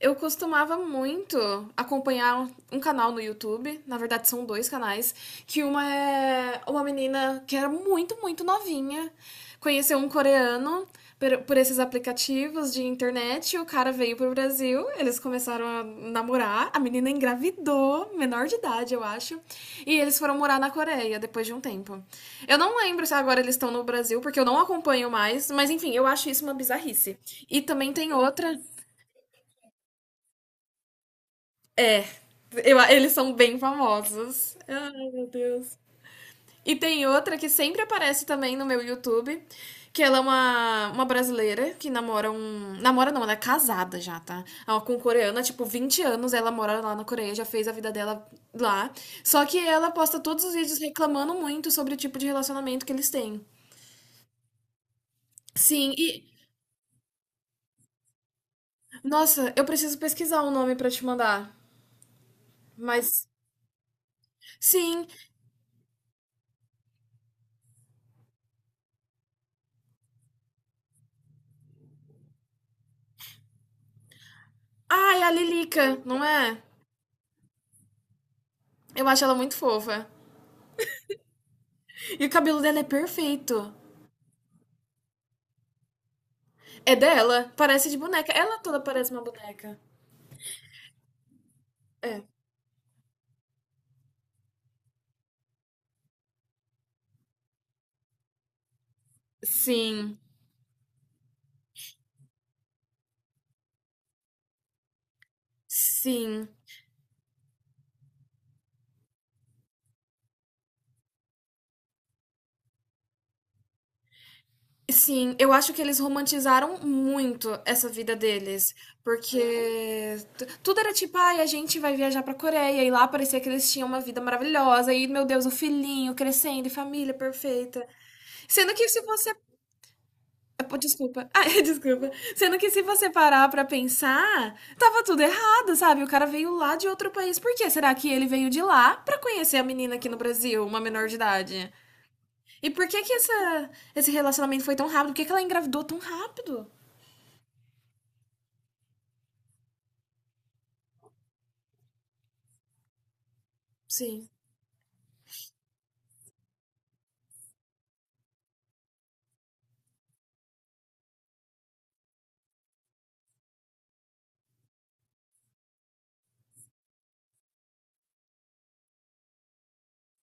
Eu costumava muito acompanhar um canal no YouTube, na verdade são dois canais, que uma é uma menina que era muito, muito novinha, conheceu um coreano por esses aplicativos de internet, o cara veio pro Brasil, eles começaram a namorar, a menina engravidou, menor de idade, eu acho, e eles foram morar na Coreia depois de um tempo. Eu não lembro se agora eles estão no Brasil, porque eu não acompanho mais, mas enfim, eu acho isso uma bizarrice. E também tem outra. É, eles são bem famosos. Ai, meu Deus. E tem outra que sempre aparece também no meu YouTube, que ela é uma brasileira que namora um... Namora não, ela é casada já, tá? Ela é com um coreano, há, tipo, 20 anos, ela mora lá na Coreia, já fez a vida dela lá. Só que ela posta todos os vídeos reclamando muito sobre o tipo de relacionamento que eles têm. Sim, e... Nossa, eu preciso pesquisar o nome pra te mandar. Mas, sim. Ah, é a Lilica, não é? Eu acho ela muito fofa. E o cabelo dela é perfeito. É dela, parece de boneca. Ela toda parece uma boneca. É. Sim, sim, sim. Eu acho que eles romantizaram muito essa vida deles. Porque tudo era tipo, ai, a gente vai viajar pra Coreia. E lá parecia que eles tinham uma vida maravilhosa. E, meu Deus, o filhinho crescendo e família perfeita. Sendo que se você... Ah, pô, desculpa. Ah, desculpa. Sendo que se você parar pra pensar, tava tudo errado, sabe? O cara veio lá de outro país. Por que será que ele veio de lá pra conhecer a menina aqui no Brasil, uma menor de idade? E por que que essa, esse relacionamento foi tão rápido? Por que que ela engravidou tão rápido? Sim.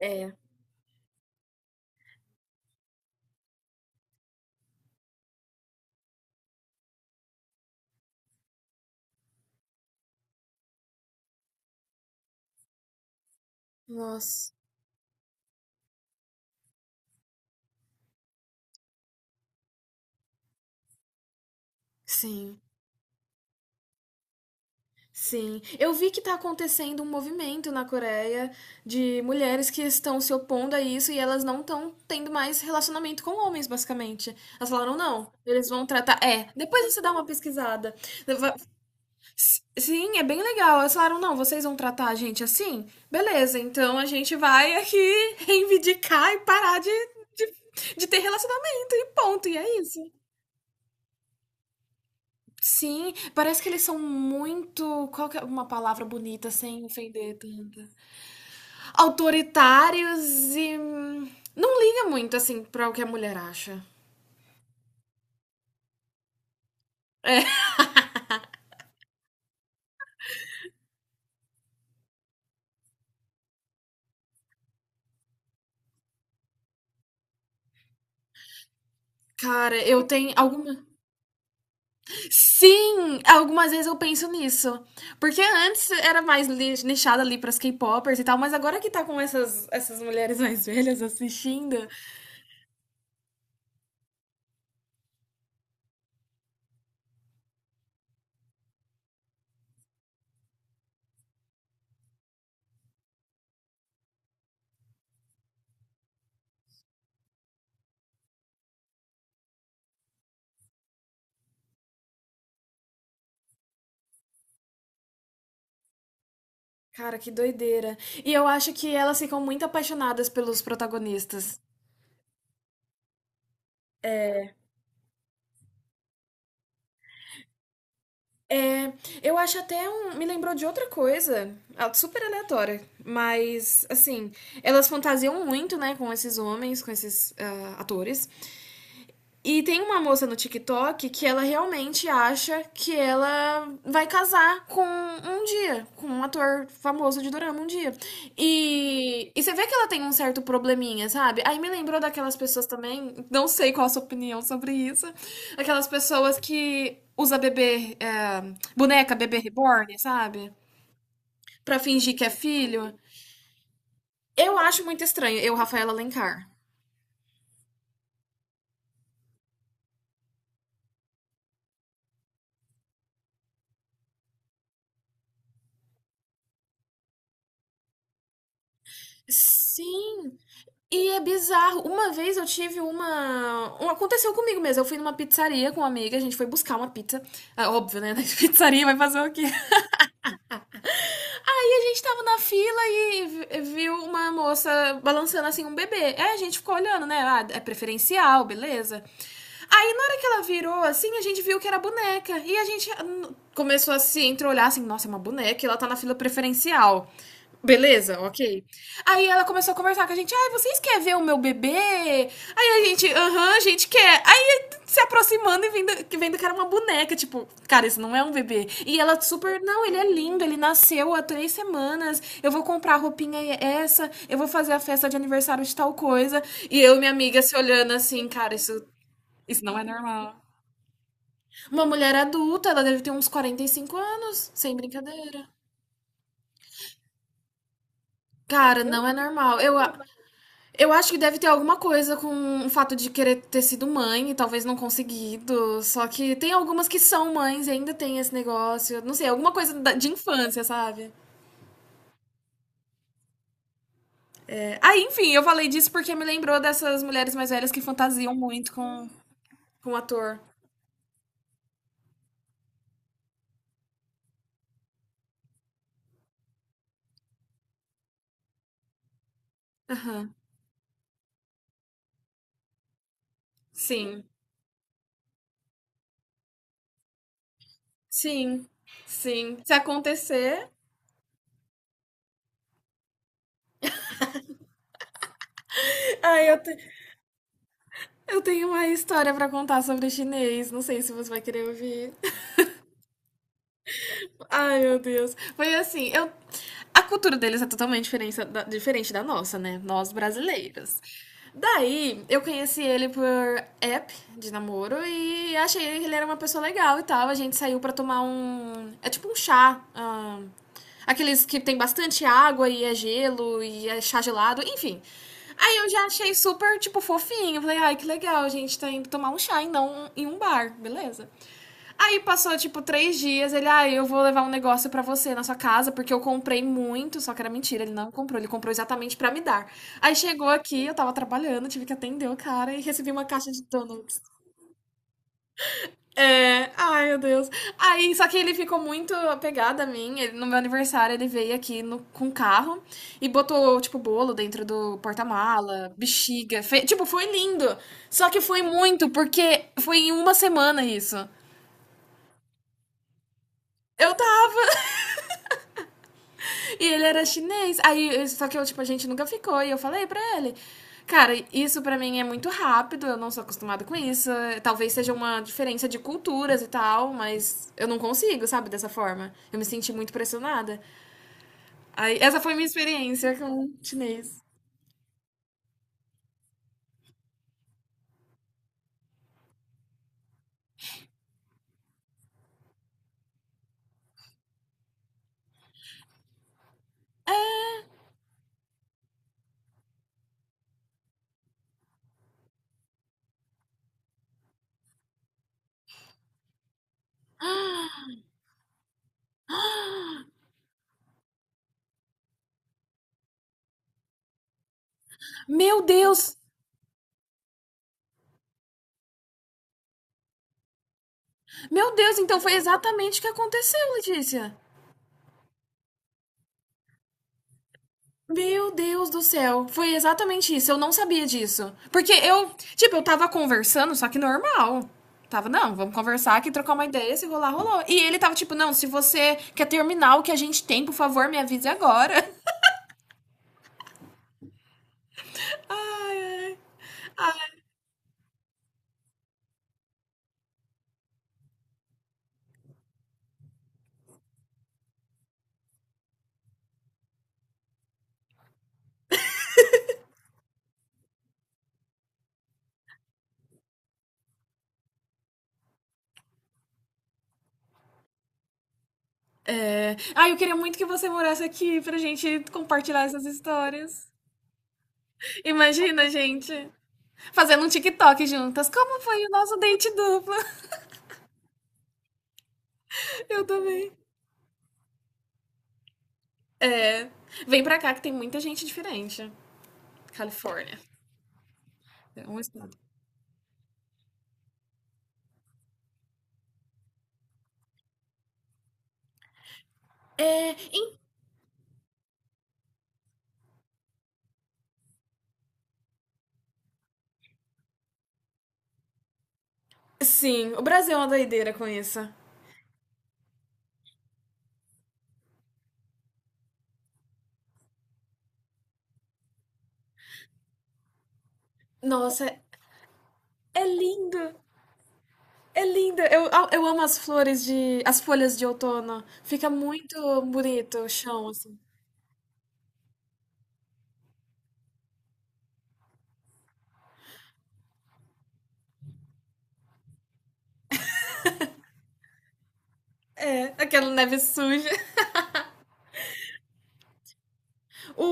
É. Nossa. Sim. Sim, eu vi que está acontecendo um movimento na Coreia de mulheres que estão se opondo a isso e elas não estão tendo mais relacionamento com homens, basicamente. Elas falaram, não, eles vão tratar. É, depois você dá uma pesquisada. Va- Sim, é bem legal. Elas falaram, não, vocês vão tratar a gente assim? Beleza, então a gente vai aqui reivindicar e parar de, de ter relacionamento e ponto, e é isso. Sim, parece que eles são muito... Qual que é uma palavra bonita sem ofender tanto? Autoritários e não liga muito, assim, pra o que a mulher acha. É. Cara, eu tenho alguma... Sim! Algumas vezes eu penso nisso. Porque antes era mais nichada ali pras K-popers e tal, mas agora que tá com essas mulheres mais velhas assistindo. Cara, que doideira. E eu acho que elas ficam muito apaixonadas pelos protagonistas. É. É, eu acho até um... Me lembrou de outra coisa, ah, super aleatória, mas, assim, elas fantasiam muito, né, com esses homens, com esses atores, e tem uma moça no TikTok que ela realmente acha que ela vai casar com um dia, com um ator famoso de dorama um dia. E você vê que ela tem um certo probleminha, sabe? Aí me lembrou daquelas pessoas também, não sei qual a sua opinião sobre isso, aquelas pessoas que usa bebê, é, boneca bebê reborn, sabe? Pra fingir que é filho. Eu acho muito estranho, eu, Rafaela Alencar. Sim. E é bizarro. Uma vez eu tive uma... Aconteceu comigo mesmo. Eu fui numa pizzaria com uma amiga, a gente foi buscar uma pizza. Ah, óbvio, né? Na pizzaria vai fazer o quê? Aí a gente tava na fila e viu uma moça balançando assim um bebê. Aí a gente ficou olhando, né? Ah, é preferencial, beleza. Aí na hora que ela virou assim, a gente viu que era boneca. E a gente começou a se entreolhar assim: nossa, é uma boneca e ela tá na fila preferencial. Beleza, ok. Aí ela começou a conversar com a gente. Ai, vocês querem ver o meu bebê? Aí a gente, aham, a gente quer. Aí se aproximando e vendo que era uma boneca. Tipo, cara, isso não é um bebê. E ela super, não, ele é lindo, ele nasceu há 3 semanas. Eu vou comprar a roupinha essa, eu vou fazer a festa de aniversário de tal coisa. E eu e minha amiga se olhando assim, cara, isso não é normal. Uma mulher adulta, ela deve ter uns 45 anos, sem brincadeira. Cara, não é normal. Eu, eu acho que deve ter alguma coisa com o fato de querer ter sido mãe e talvez não conseguido. Só que tem algumas que são mães e ainda tem esse negócio. Não sei, alguma coisa de infância, sabe? É. Aí, enfim, eu falei disso porque me lembrou dessas mulheres mais velhas que fantasiam muito com o ator. Sim, sim, sim. Se acontecer. Ai, eu tenho uma história pra contar sobre chinês. Não sei se você vai querer ouvir. Ai, meu Deus. Foi assim, eu... A cultura deles é totalmente diferente da nossa, né? Nós brasileiras. Daí, eu conheci ele por app de namoro e achei que ele era uma pessoa legal e tal. A gente saiu pra tomar um... É tipo um chá, aqueles que tem bastante água e é gelo e é chá gelado, enfim. Aí eu já achei super, tipo, fofinho. Eu falei, ai, que legal, a gente tá indo tomar um chá e não em um bar, beleza? Aí passou, tipo, 3 dias. Ele, eu vou levar um negócio pra você na sua casa, porque eu comprei muito. Só que era mentira, ele não comprou. Ele comprou exatamente pra me dar. Aí chegou aqui, eu tava trabalhando, tive que atender o cara e recebi uma caixa de donuts. É, ai, meu Deus. Aí, só que ele ficou muito apegado a mim. No meu aniversário, ele veio aqui no, com o carro e botou, tipo, bolo dentro do porta-mala, bexiga. Tipo, foi lindo. Só que foi muito, porque foi em uma semana isso. Eu... E ele era chinês. Aí, só que eu, tipo, a gente nunca ficou. E eu falei pra ele. Cara, isso pra mim é muito rápido, eu não sou acostumada com isso. Talvez seja uma diferença de culturas e tal, mas eu não consigo, sabe, dessa forma. Eu me senti muito pressionada. Aí, essa foi minha experiência com chinês. Meu Deus! Meu Deus, então foi exatamente o que aconteceu, Letícia. Meu Deus do céu, foi exatamente isso, eu não sabia disso. Porque eu, tipo, eu tava conversando, só que normal. Tava, não, vamos conversar aqui, trocar uma ideia, se rolar, rolou. E ele tava tipo, não, se você quer terminar o que a gente tem, por favor, me avise agora. Ai, ai. É... Ai, eu queria muito que você morasse aqui pra gente compartilhar essas histórias. Imagina, gente, fazendo um TikTok juntas. Como foi o nosso date duplo? Eu também. É, vem pra cá que tem muita gente diferente. Califórnia. É um estado. É, sim, o Brasil é uma doideira com isso. Nossa, é lindo. É lindo. Eu amo as flores de, as folhas de outono. Fica muito bonito o chão, assim. É, aquela neve suja. O,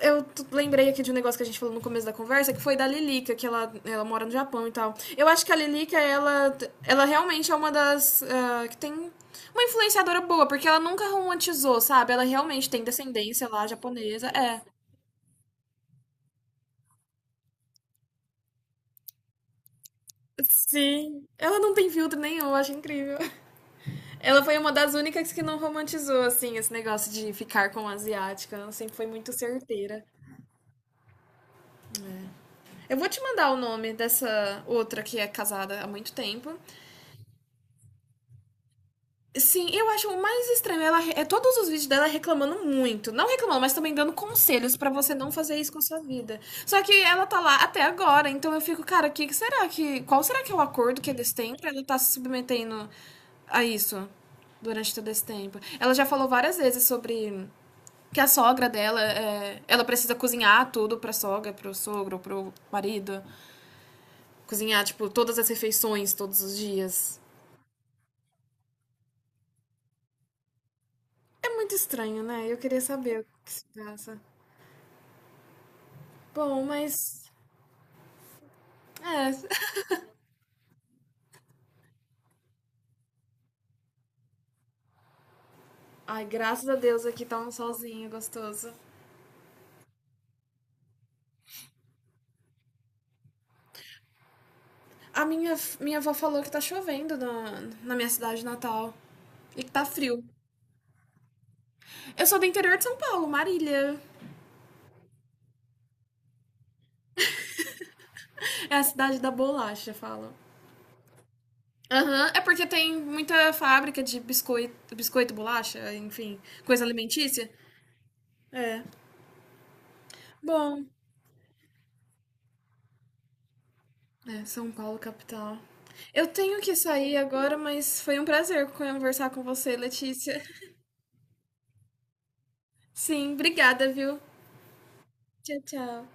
eu lembrei aqui de um negócio que a gente falou no começo da conversa, que foi da Lilica, que ela mora no Japão e tal. Eu acho que a Lilica, ela realmente é uma das... Que tem uma influenciadora boa, porque ela nunca romantizou, sabe? Ela realmente tem descendência lá japonesa. É. Sim. Ela não tem filtro nenhum, eu acho incrível. Ela foi uma das únicas que não romantizou, assim, esse negócio de ficar com asiática. Ela sempre foi muito certeira. Eu vou te mandar o nome dessa outra que é casada há muito tempo. Sim, eu acho o mais estranho. Ela é todos os vídeos dela reclamando muito. Não reclamando, mas também dando conselhos pra você não fazer isso com a sua vida. Só que ela tá lá até agora, então eu fico, cara, que será que... Qual será que é o acordo que eles têm pra ela estar se submetendo a isso durante todo esse tempo? Ela já falou várias vezes sobre que a sogra dela, é, ela precisa cozinhar tudo pra sogra, pro sogro, pro marido. Cozinhar, tipo, todas as refeições, todos os dias. É muito estranho, né? Eu queria saber o que se passa. Bom, mas... É. Ai, graças a Deus aqui tá um solzinho gostoso. A minha avó falou que tá chovendo na minha cidade natal. E que tá frio. Eu sou do interior de São Paulo, Marília. É a cidade da bolacha, falam. Aham, é porque tem muita fábrica de biscoito, biscoito, bolacha, enfim, coisa alimentícia. É. Bom, é, São Paulo, capital. Eu tenho que sair agora, mas foi um prazer conversar com você, Letícia. Sim, obrigada, viu? Tchau, tchau.